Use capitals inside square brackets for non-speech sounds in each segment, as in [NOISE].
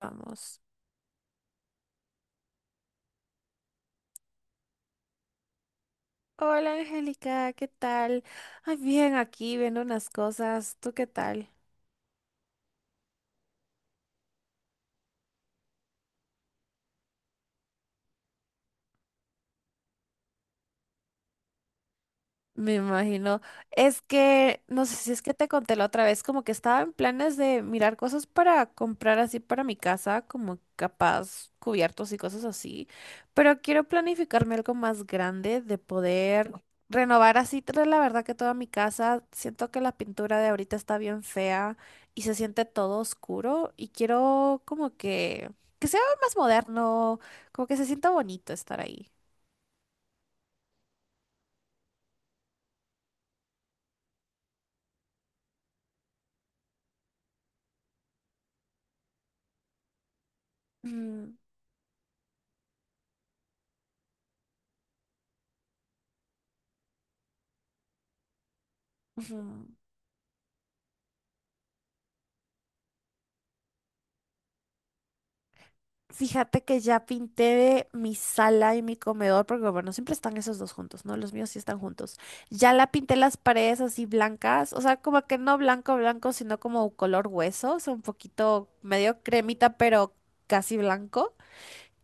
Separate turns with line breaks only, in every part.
Vamos. Hola Angélica, ¿qué tal? Ay, bien, aquí viendo unas cosas. ¿Tú qué tal? Me imagino. Es que, no sé si es que te conté la otra vez, como que estaba en planes de mirar cosas para comprar así para mi casa, como capaz cubiertos y cosas así, pero quiero planificarme algo más grande de poder renovar así, la verdad que toda mi casa, siento que la pintura de ahorita está bien fea y se siente todo oscuro y quiero como que sea más moderno, como que se sienta bonito estar ahí. Mm, ujú. Fíjate que ya pinté mi sala y mi comedor, porque bueno, siempre están esos dos juntos, ¿no? Los míos sí están juntos. Ya la pinté las paredes así blancas, o sea, como que no blanco, blanco, sino como color hueso, o sea, un poquito medio cremita, pero casi blanco.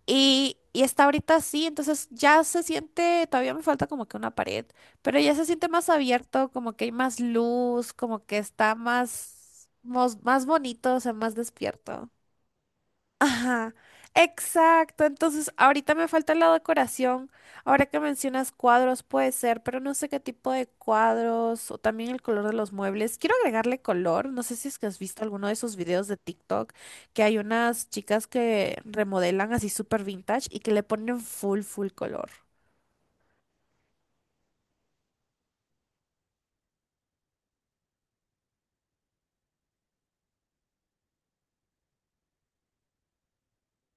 Y está ahorita así, entonces ya se siente, todavía me falta como que una pared, pero ya se siente más abierto, como que hay más luz, como que está más, más bonito, o sea, más despierto. Ajá, exacto. Entonces, ahorita me falta la decoración. Ahora que mencionas cuadros, puede ser, pero no sé qué tipo de cuadros o también el color de los muebles. Quiero agregarle color. No sé si es que has visto alguno de esos videos de TikTok que hay unas chicas que remodelan así súper vintage y que le ponen full, full color.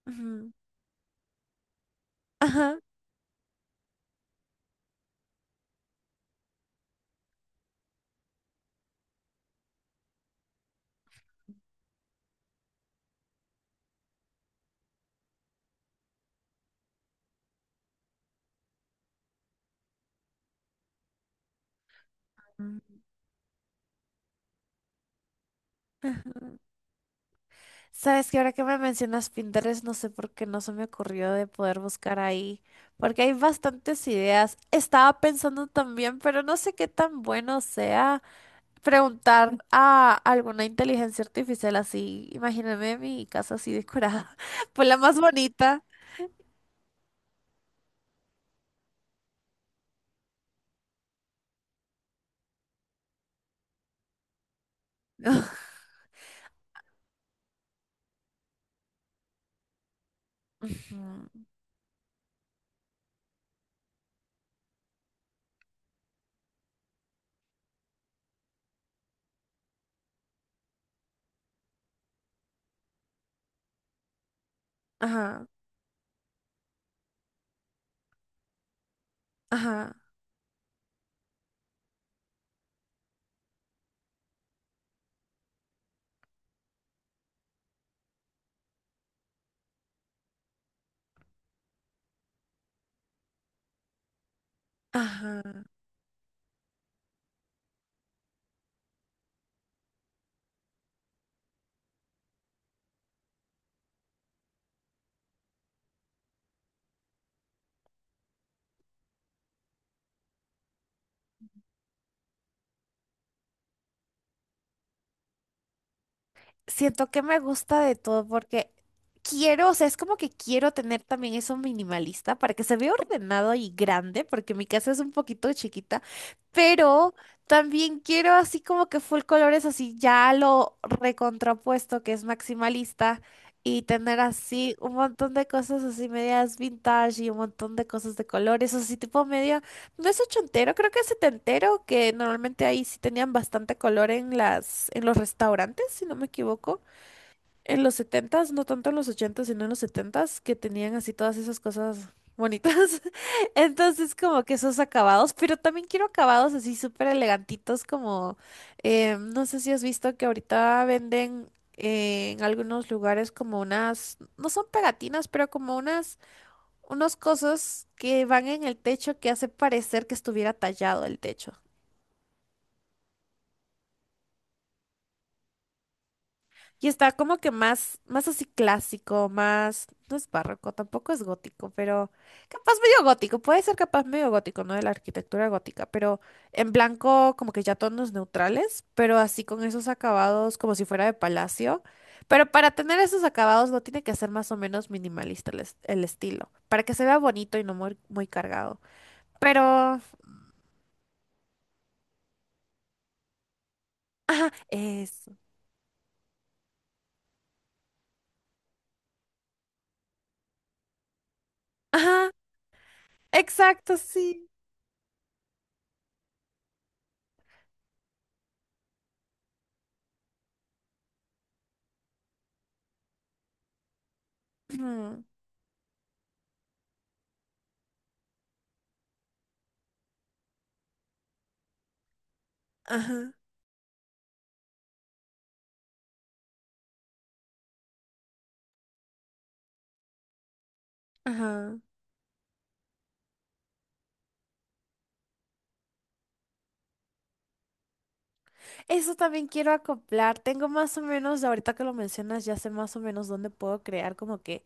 Ujú. Ajá. Mm. Sabes que ahora que me mencionas Pinterest, no sé por qué no se me ocurrió de poder buscar ahí, porque hay bastantes ideas. Estaba pensando también, pero no sé qué tan bueno sea preguntar a alguna inteligencia artificial así. Imagíname mi casa así decorada, [LAUGHS] pues la más bonita. [LAUGHS] Ujú. Ajá, ajá, ajá. Siento que me gusta de todo porque quiero, o sea, es como que quiero tener también eso minimalista para que se vea ordenado y grande, porque mi casa es un poquito chiquita, pero también quiero así como que full colores, así ya lo recontrapuesto, que es maximalista, y tener así un montón de cosas así medias vintage y un montón de cosas de colores, así tipo medio. No es ochentero, creo que es setentero, que normalmente ahí sí tenían bastante color en las, en los restaurantes, si no me equivoco. En los setentas, no tanto en los ochentas, sino en los setentas, que tenían así todas esas cosas bonitas. [LAUGHS] Entonces, como que esos acabados, pero también quiero acabados así súper elegantitos, como, no sé si has visto que ahorita venden en algunos lugares como unas, no son pegatinas, pero como unas unos cosos que van en el techo que hace parecer que estuviera tallado el techo. Y está como que más, más así clásico, más, no es barroco, tampoco es gótico, pero capaz medio gótico, puede ser capaz medio gótico, ¿no? De la arquitectura gótica, pero en blanco como que ya tonos neutrales, pero así con esos acabados como si fuera de palacio. Pero para tener esos acabados no tiene que ser más o menos minimalista el, el estilo, para que se vea bonito y no muy, muy cargado. Pero, ajá, eso. Ajá, exacto, sí. Mm, ajá. Ajá. Eso también quiero acoplar. Tengo más o menos, ahorita que lo mencionas, ya sé más o menos dónde puedo crear como que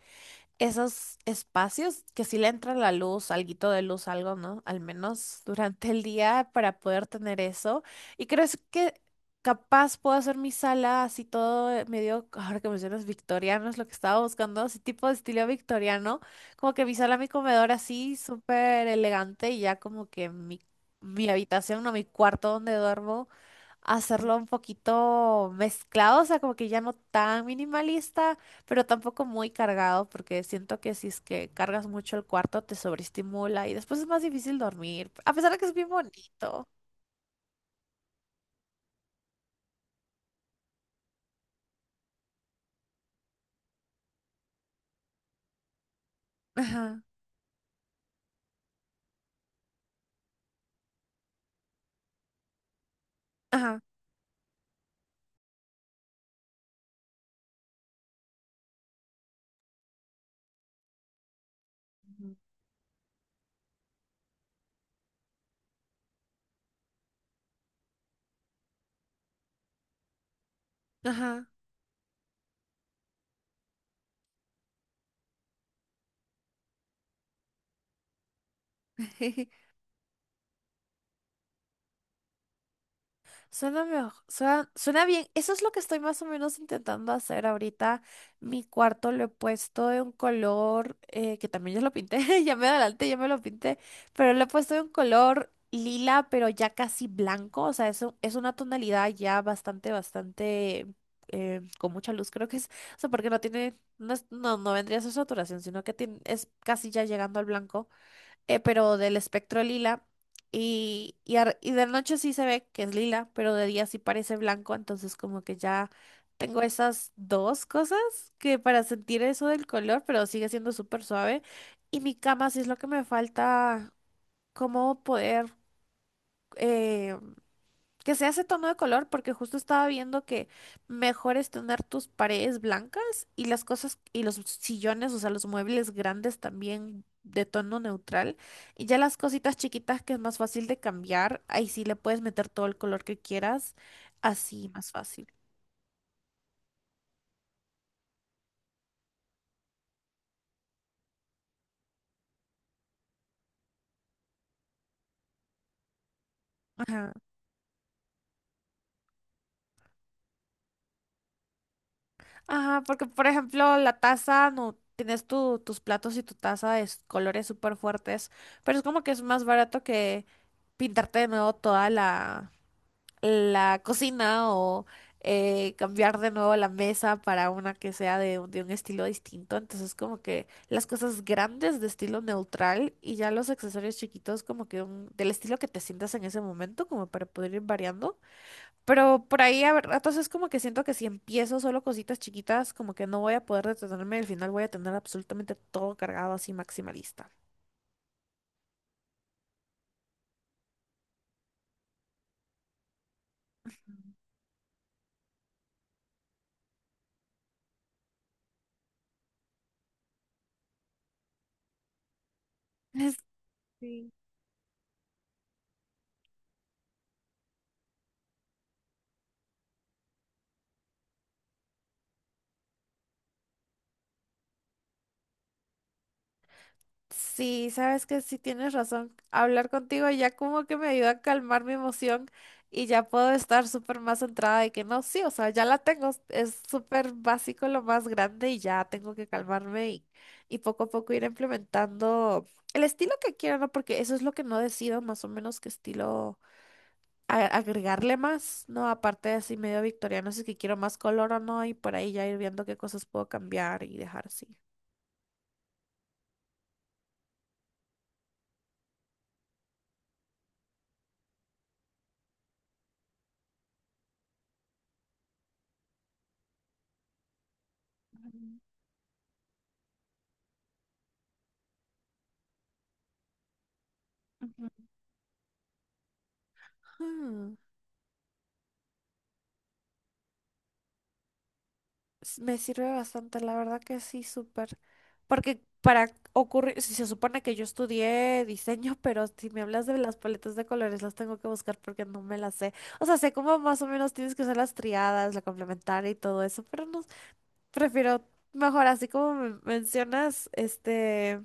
esos espacios que sí le entra la luz, alguito de luz, algo, ¿no? Al menos durante el día para poder tener eso. Y creo es que capaz puedo hacer mi sala así todo medio, ahora que mencionas victoriano, es lo que estaba buscando, así tipo de estilo victoriano, como que mi sala, mi comedor así súper elegante y ya como que mi habitación, no, mi cuarto donde duermo hacerlo un poquito mezclado, o sea, como que ya no tan minimalista, pero tampoco muy cargado, porque siento que si es que cargas mucho el cuarto te sobreestimula y después es más difícil dormir, a pesar de que es bien bonito. Ajá, ajá, ujú. Ajá. [LAUGHS] Suena, suena, suena bien. Eso es lo que estoy más o menos intentando hacer ahorita. Mi cuarto lo he puesto de un color, que también ya lo pinté, [LAUGHS] ya me adelanté, ya me lo pinté, pero lo he puesto de un color lila, pero ya casi blanco. O sea, es, es una tonalidad ya bastante, bastante, con mucha luz, creo que es. O sea, porque no tiene, no, no, no vendría a ser saturación, sino que es casi ya llegando al blanco pero del espectro lila. Y de noche sí se ve que es lila, pero de día sí parece blanco, entonces como que ya tengo esas dos cosas que para sentir eso del color, pero sigue siendo súper suave. Y mi cama sí es lo que me falta, como poder eh, que sea ese tono de color, porque justo estaba viendo que mejor es tener tus paredes blancas y las cosas y los sillones, o sea, los muebles grandes también de tono neutral. Y ya las cositas chiquitas que es más fácil de cambiar, ahí sí le puedes meter todo el color que quieras, así más fácil. Ajá. Ajá, porque por ejemplo, la taza, no tienes tus platos y tu taza de colores súper fuertes, pero es como que es más barato que pintarte de nuevo toda la cocina o cambiar de nuevo la mesa para una que sea de, de un estilo distinto. Entonces, como que las cosas grandes de estilo neutral y ya los accesorios chiquitos, como que del estilo que te sientas en ese momento, como para poder ir variando. Pero por ahí a ver, ratos es como que siento que si empiezo solo cositas chiquitas, como que no voy a poder detenerme. Al final voy a tener absolutamente todo cargado así maximalista. [LAUGHS] Sí. Sí, sabes que sí tienes razón. Hablar contigo ya como que me ayuda a calmar mi emoción y ya puedo estar súper más centrada de que no, sí, o sea, ya la tengo. Es súper básico lo más grande y ya tengo que calmarme y poco a poco ir implementando el estilo que quiera, ¿no? Porque eso es lo que no decido más o menos qué estilo agregarle más, ¿no? Aparte de así medio victoriano, si es que quiero más color o no y por ahí ya ir viendo qué cosas puedo cambiar y dejar así. Ujú. Ujú. Me sirve bastante, la verdad que sí, súper. Porque para ocurrir, si se supone que yo estudié diseño, [LAUGHS] pero si me hablas de las paletas de colores, las tengo que buscar porque no me las sé. O sea, sé cómo más o menos tienes que usar las triadas, la complementaria y todo eso, pero no, prefiero mejor así como me mencionas, este.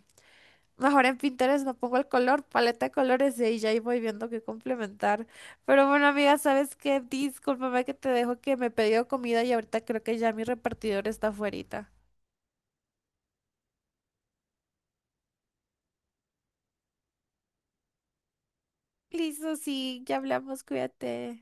Mejor en Pinterest no pongo el color, paleta de colores y ahí ya ahí voy viendo qué complementar. Pero bueno, amiga, ¿sabes qué? Discúlpame que te dejo que me he pedido comida y ahorita creo que ya mi repartidor está afuerita. Listo, sí, ya hablamos, cuídate.